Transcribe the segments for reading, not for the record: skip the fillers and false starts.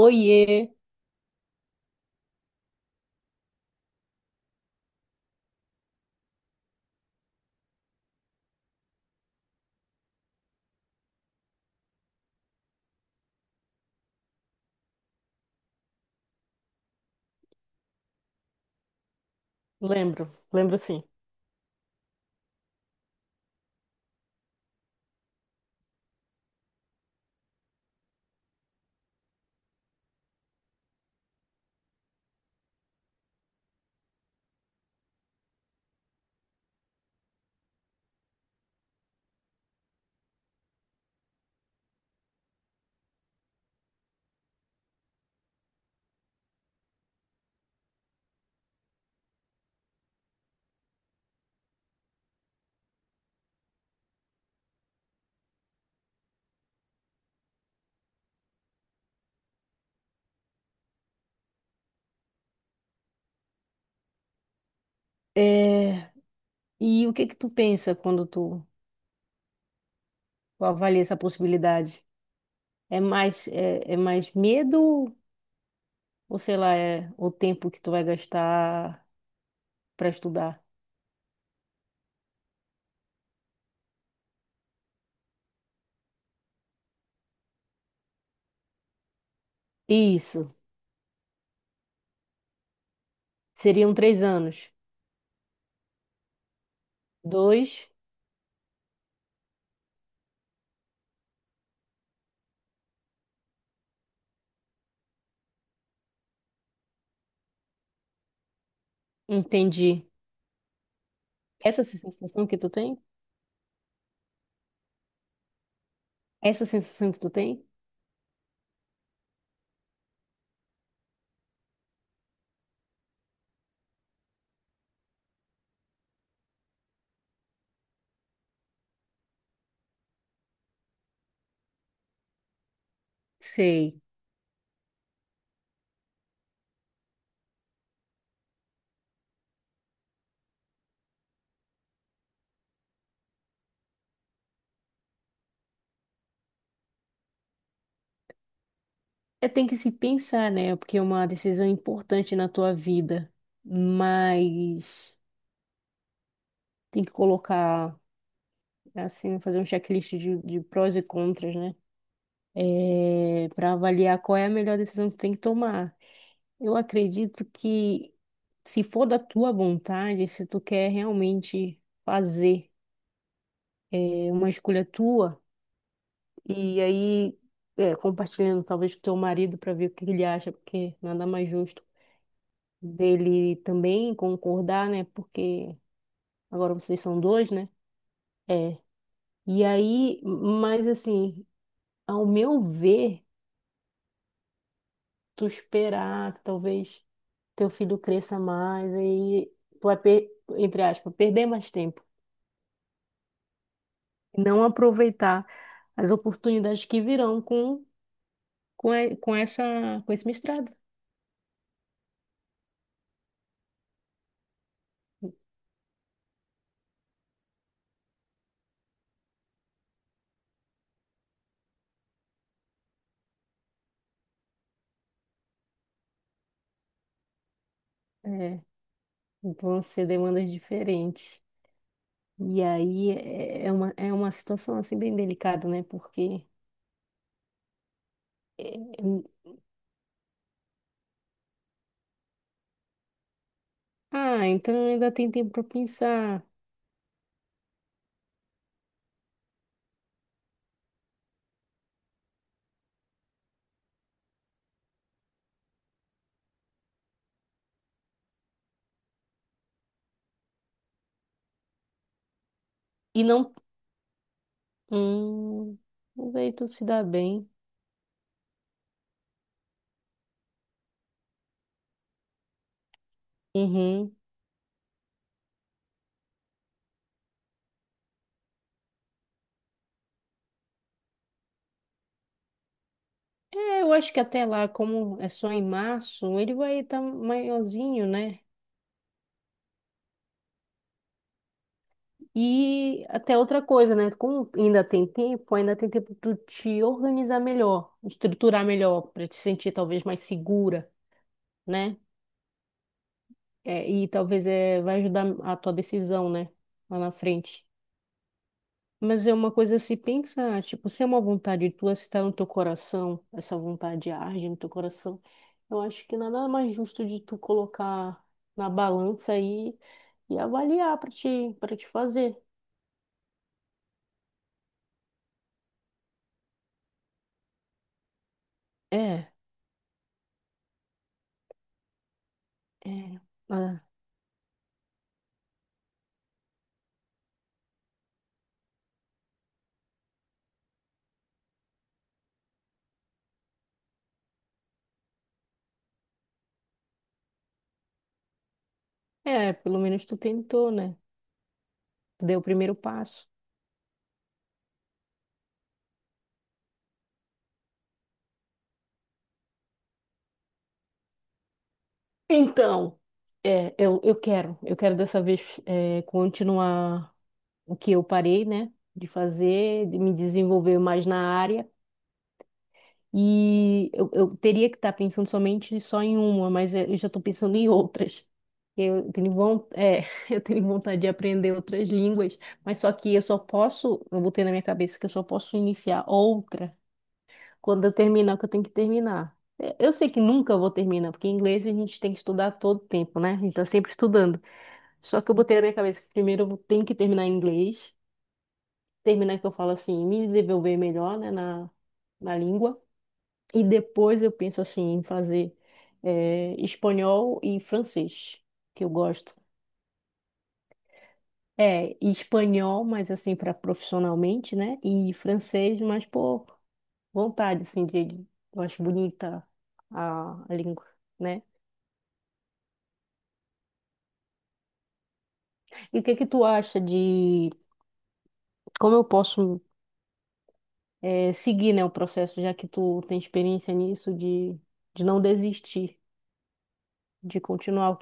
Oiê, lembro, sim. É, e o que que tu pensa quando tu avalia essa possibilidade? É mais medo ou sei lá, é o tempo que tu vai gastar para estudar? Isso, seriam três anos. Dois, entendi. Essa sensação que tu tem? Essa sensação que tu tem? Sei. É, tem que se pensar, né? Porque é uma decisão importante na tua vida, mas tem que colocar. Assim, fazer um checklist de prós e contras, né? É, para avaliar qual é a melhor decisão que tu tem que tomar. Eu acredito que se for da tua vontade, se tu quer realmente fazer uma escolha tua, e aí compartilhando talvez com teu marido para ver o que ele acha, porque nada mais justo dele também concordar, né? Porque agora vocês são dois, né? É. E aí, mas assim, ao meu ver, tu esperar que talvez teu filho cresça mais, aí tu vai, per- entre aspas, perder mais tempo. Não aproveitar as oportunidades que virão com com esse mestrado. É, vão ser demandas diferentes. E aí é é uma situação assim bem delicada, né? Porque é, ah, então ainda tem tempo para pensar. E não. Hum, mas aí tu se dá bem. Uhum. É, eu acho que até lá, como é só em março, ele vai estar maiorzinho, né? E até outra coisa, né? Como ainda tem tempo de tu te organizar melhor, estruturar melhor, para te sentir talvez mais segura, né? E talvez vai ajudar a tua decisão, né? Lá na frente. Mas é uma coisa a se pensar, tipo, se é uma vontade tua, se está no teu coração, essa vontade arde no teu coração, eu acho que nada mais justo de tu colocar na balança aí e avaliar para para te fazer. É, é, ah, pelo menos tu tentou, né? Tu deu o primeiro passo. Então, é, eu quero dessa vez continuar o que eu parei, né? De fazer, de me desenvolver mais na área. E eu teria que estar pensando somente só em uma, mas eu já estou pensando em outras. Eu eu tenho vontade de aprender outras línguas, mas só que eu botei na minha cabeça que eu só posso iniciar outra quando eu terminar o que eu tenho que terminar. É, eu sei que nunca vou terminar, porque inglês a gente tem que estudar todo tempo, né? A gente tá sempre estudando. Só que eu botei na minha cabeça que primeiro tenho que terminar em inglês, terminar que eu falo assim, me desenvolver melhor, né, na língua. E depois eu penso assim em fazer espanhol e francês, que eu gosto. É, e espanhol, mas assim, para profissionalmente, né? E francês, mas por vontade, assim, eu acho bonita a língua, né? E o que que tu acha de como eu posso seguir, né, o processo, já que tu tem experiência nisso, de não desistir, de continuar?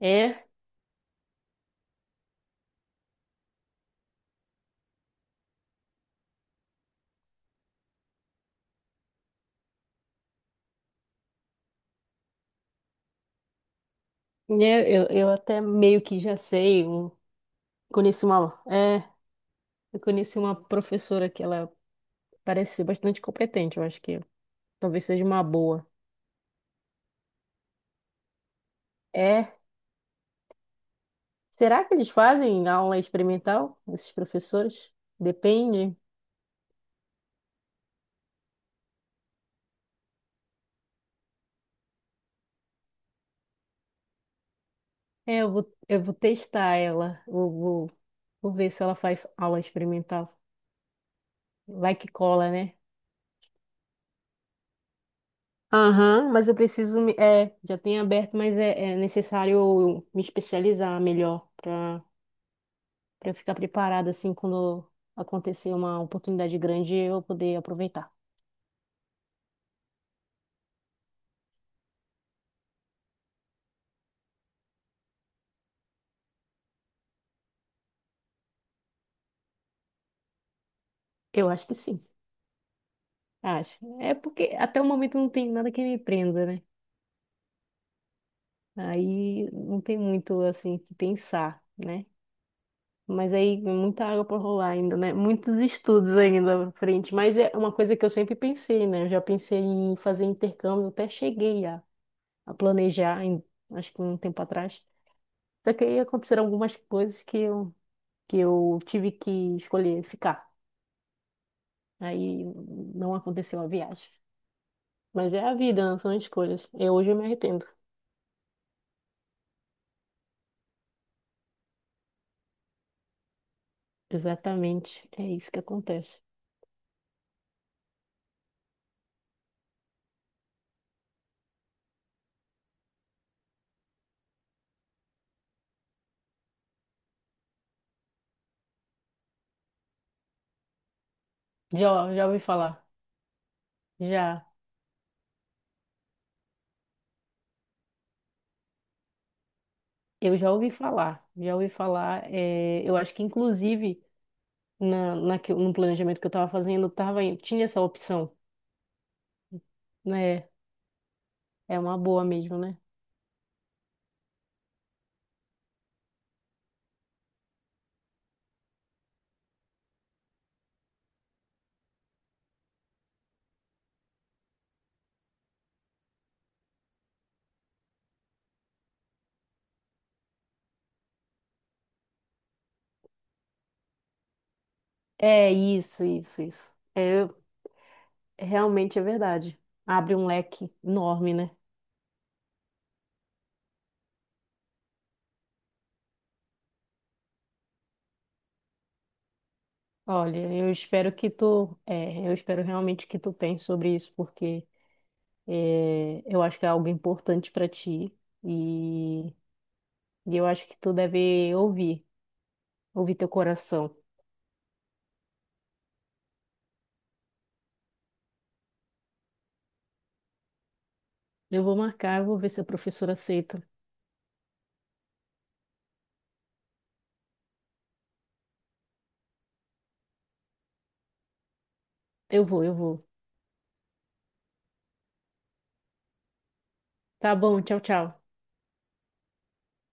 É, né, eu até meio que conheço uma. É, eu conheci uma professora que ela parece ser bastante competente, eu acho que talvez seja uma boa. É, será que eles fazem aula experimental, esses professores? Depende. É, eu vou testar ela, vou ver se ela faz aula experimental. Vai que cola, né? Aham, mas eu preciso me, é, já tem aberto, mas é necessário eu me especializar melhor para eu ficar preparada assim quando acontecer uma oportunidade grande eu poder aproveitar. Eu acho que sim, acho. É porque até o momento não tem nada que me prenda, né? Aí não tem muito assim que pensar, né? Mas aí muita água para rolar ainda, né? Muitos estudos ainda pra frente, mas é uma coisa que eu sempre pensei, né? Eu já pensei em fazer intercâmbio, até cheguei a planejar, acho que um tempo atrás. Só que aí aconteceram algumas coisas que eu tive que escolher ficar. Aí não aconteceu a viagem. Mas é a vida, não são escolhas. Eu hoje eu me arrependo. Exatamente, é isso que acontece. Já, já ouvi falar. Já, eu já ouvi falar. É, eu acho que inclusive no planejamento que eu estava fazendo, tinha essa opção, né? É uma boa mesmo, né? É isso, isso, isso. Realmente é verdade. Abre um leque enorme, né? Olha, eu espero que eu espero realmente que tu pense sobre isso, porque é, eu acho que é algo importante para ti e, e eu acho que tu deve ouvir teu coração. Eu vou marcar, eu vou ver se a professora aceita. Eu vou, eu vou. Tá bom, tchau, tchau.